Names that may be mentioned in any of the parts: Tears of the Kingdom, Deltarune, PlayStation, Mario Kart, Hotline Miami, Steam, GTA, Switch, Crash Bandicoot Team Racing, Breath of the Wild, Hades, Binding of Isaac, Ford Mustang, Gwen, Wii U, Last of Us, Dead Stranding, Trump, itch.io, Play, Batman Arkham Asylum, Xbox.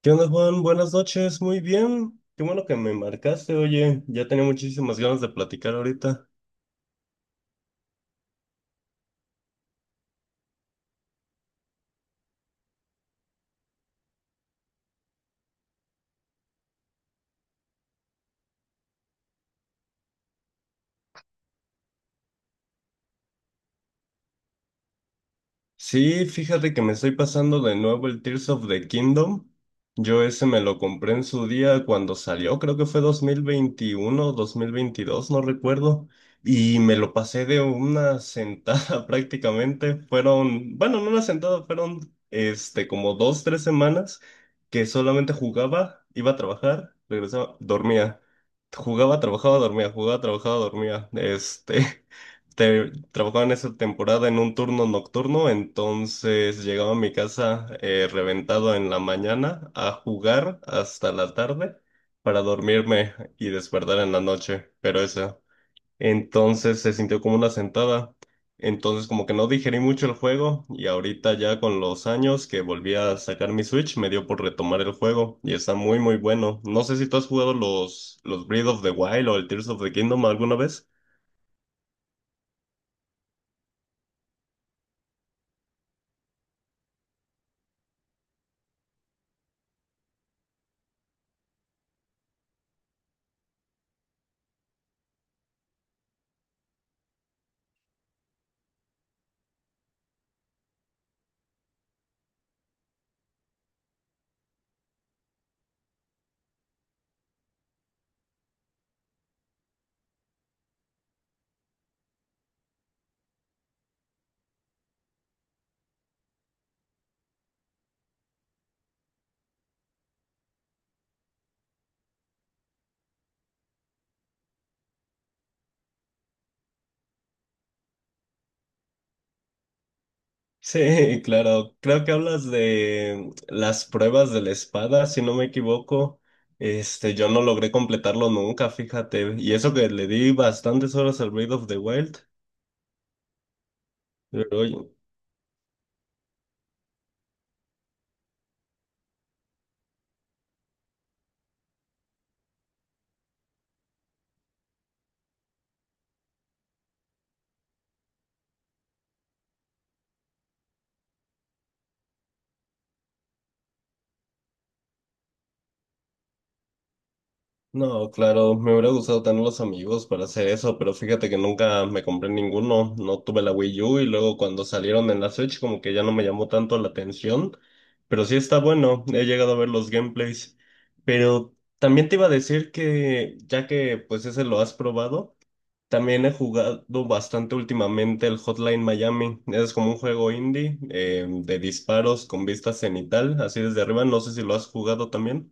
¿Qué onda, Juan? Buenas noches, muy bien. Qué bueno que me marcaste, oye, ya tenía muchísimas ganas de platicar ahorita. Sí, fíjate que me estoy pasando de nuevo el Tears of the Kingdom. Yo ese me lo compré en su día cuando salió, creo que fue 2021, 2022, no recuerdo. Y me lo pasé de una sentada prácticamente. Fueron, bueno, no una sentada, fueron como 2, 3 semanas que solamente jugaba, iba a trabajar, regresaba, dormía. Jugaba, trabajaba, dormía, jugaba, trabajaba, dormía. Trabajaba en esa temporada en un turno nocturno, entonces llegaba a mi casa reventado en la mañana a jugar hasta la tarde para dormirme y despertar en la noche, pero eso. Entonces se sintió como una sentada, entonces como que no digerí mucho el juego y ahorita ya con los años que volví a sacar mi Switch me dio por retomar el juego y está muy muy bueno. No sé si tú has jugado los Breath of the Wild o el Tears of the Kingdom alguna vez. Sí, claro. Creo que hablas de las pruebas de la espada, si no me equivoco. Yo no logré completarlo nunca, fíjate. Y eso que le di bastantes horas al Breath of the Wild. No, claro, me hubiera gustado tener los amigos para hacer eso, pero fíjate que nunca me compré ninguno, no tuve la Wii U y luego cuando salieron en la Switch como que ya no me llamó tanto la atención, pero sí está bueno, he llegado a ver los gameplays, pero también te iba a decir que ya que pues ese lo has probado, también he jugado bastante últimamente el Hotline Miami, es como un juego indie de disparos con vista cenital, así desde arriba, no sé si lo has jugado también.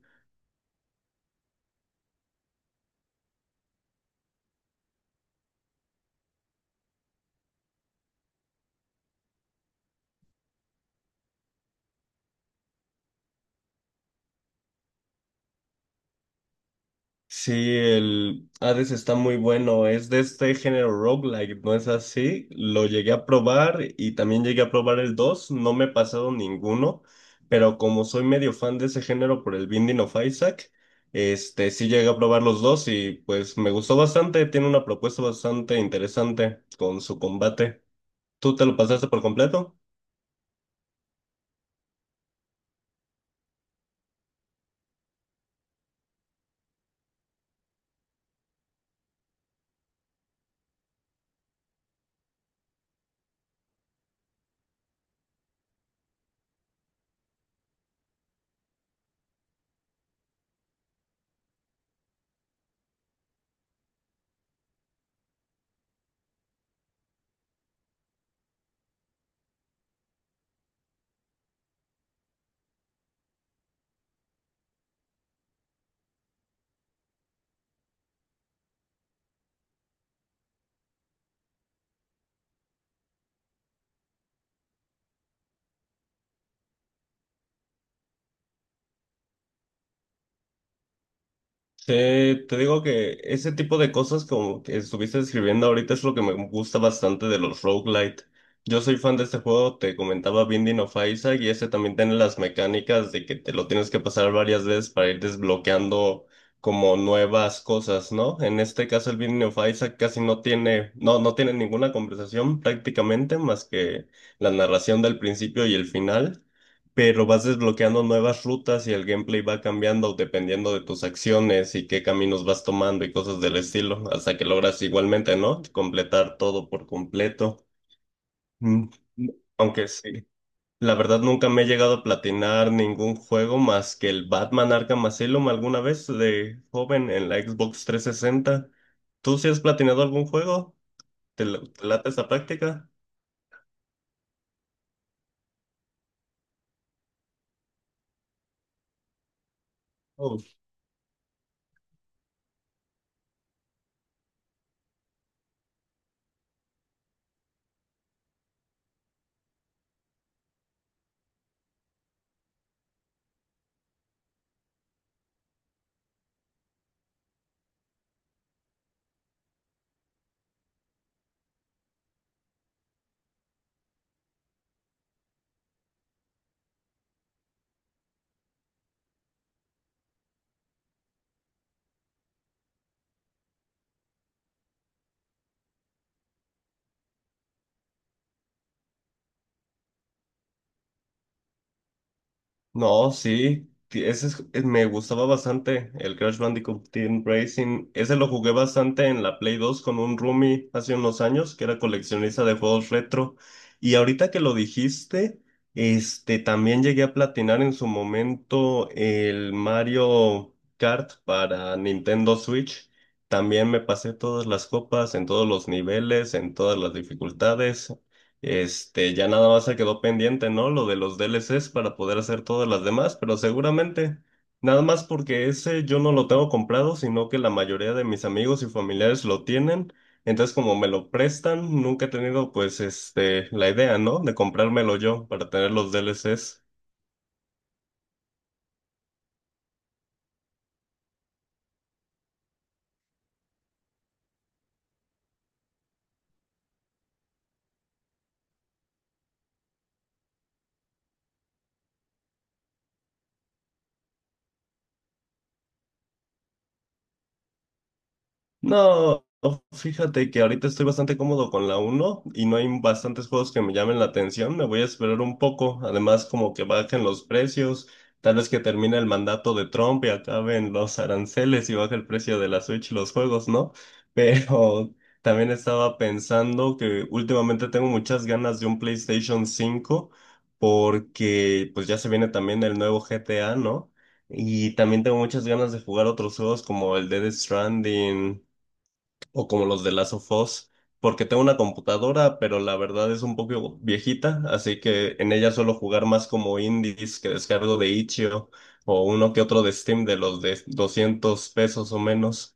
Sí, el Hades está muy bueno, es de este género roguelike, ¿no es así? Lo llegué a probar y también llegué a probar el 2. No me he pasado ninguno, pero como soy medio fan de ese género por el Binding of Isaac, sí llegué a probar los dos y pues me gustó bastante, tiene una propuesta bastante interesante con su combate. ¿Tú te lo pasaste por completo? Te digo que ese tipo de cosas como que estuviste escribiendo ahorita es lo que me gusta bastante de los roguelite. Yo soy fan de este juego, te comentaba Binding of Isaac y ese también tiene las mecánicas de que te lo tienes que pasar varias veces para ir desbloqueando como nuevas cosas, ¿no? En este caso el Binding of Isaac casi no tiene, no tiene ninguna conversación prácticamente más que la narración del principio y el final, pero vas desbloqueando nuevas rutas y el gameplay va cambiando dependiendo de tus acciones y qué caminos vas tomando y cosas del estilo, hasta que logras igualmente, ¿no? Completar todo por completo. Mm, Aunque sí, la verdad nunca me he llegado a platinar ningún juego más que el Batman Arkham Asylum alguna vez de joven en la Xbox 360. ¿Tú sí has platinado algún juego? ¿Te late esa práctica? No, sí, que ese me gustaba bastante el Crash Bandicoot Team Racing. Ese lo jugué bastante en la Play 2 con un roomie hace unos años que era coleccionista de juegos retro. Y ahorita que lo dijiste, también llegué a platinar en su momento el Mario Kart para Nintendo Switch. También me pasé todas las copas en todos los niveles, en todas las dificultades. Ya nada más se quedó pendiente, ¿no? Lo de los DLCs para poder hacer todas las demás, pero seguramente, nada más porque ese yo no lo tengo comprado, sino que la mayoría de mis amigos y familiares lo tienen. Entonces, como me lo prestan, nunca he tenido, pues, la idea, ¿no? De comprármelo yo para tener los DLCs. No, fíjate que ahorita estoy bastante cómodo con la uno y no hay bastantes juegos que me llamen la atención. Me voy a esperar un poco. Además, como que bajen los precios. Tal vez que termine el mandato de Trump y acaben los aranceles y baje el precio de la Switch y los juegos, ¿no? Pero también estaba pensando que últimamente tengo muchas ganas de un PlayStation 5, porque pues ya se viene también el nuevo GTA, ¿no? Y también tengo muchas ganas de jugar otros juegos como el Dead Stranding, o como los de Last of Us, porque tengo una computadora, pero la verdad es un poco viejita, así que en ella suelo jugar más como indies que descargo de itch.io o uno que otro de Steam de los de 200 pesos o menos.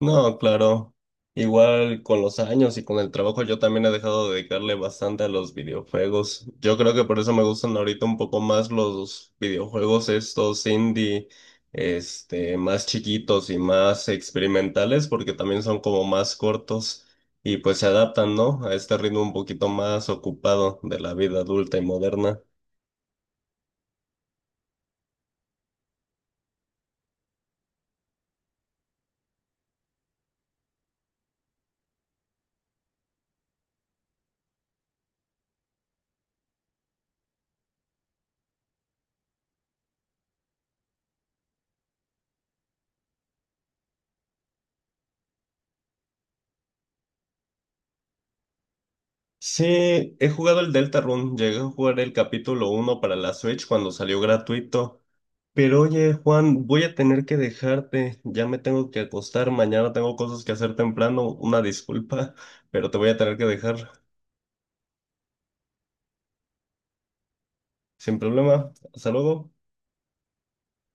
No, claro. Igual con los años y con el trabajo yo también he dejado de dedicarle bastante a los videojuegos. Yo creo que por eso me gustan ahorita un poco más los videojuegos estos indie, más chiquitos y más experimentales porque también son como más cortos y pues se adaptan, ¿no? A este ritmo un poquito más ocupado de la vida adulta y moderna. Sí, he jugado el Deltarune, llegué a jugar el capítulo uno para la Switch cuando salió gratuito. Pero oye, Juan, voy a tener que dejarte, ya me tengo que acostar, mañana tengo cosas que hacer temprano, una disculpa, pero te voy a tener que dejar sin problema. Hasta luego.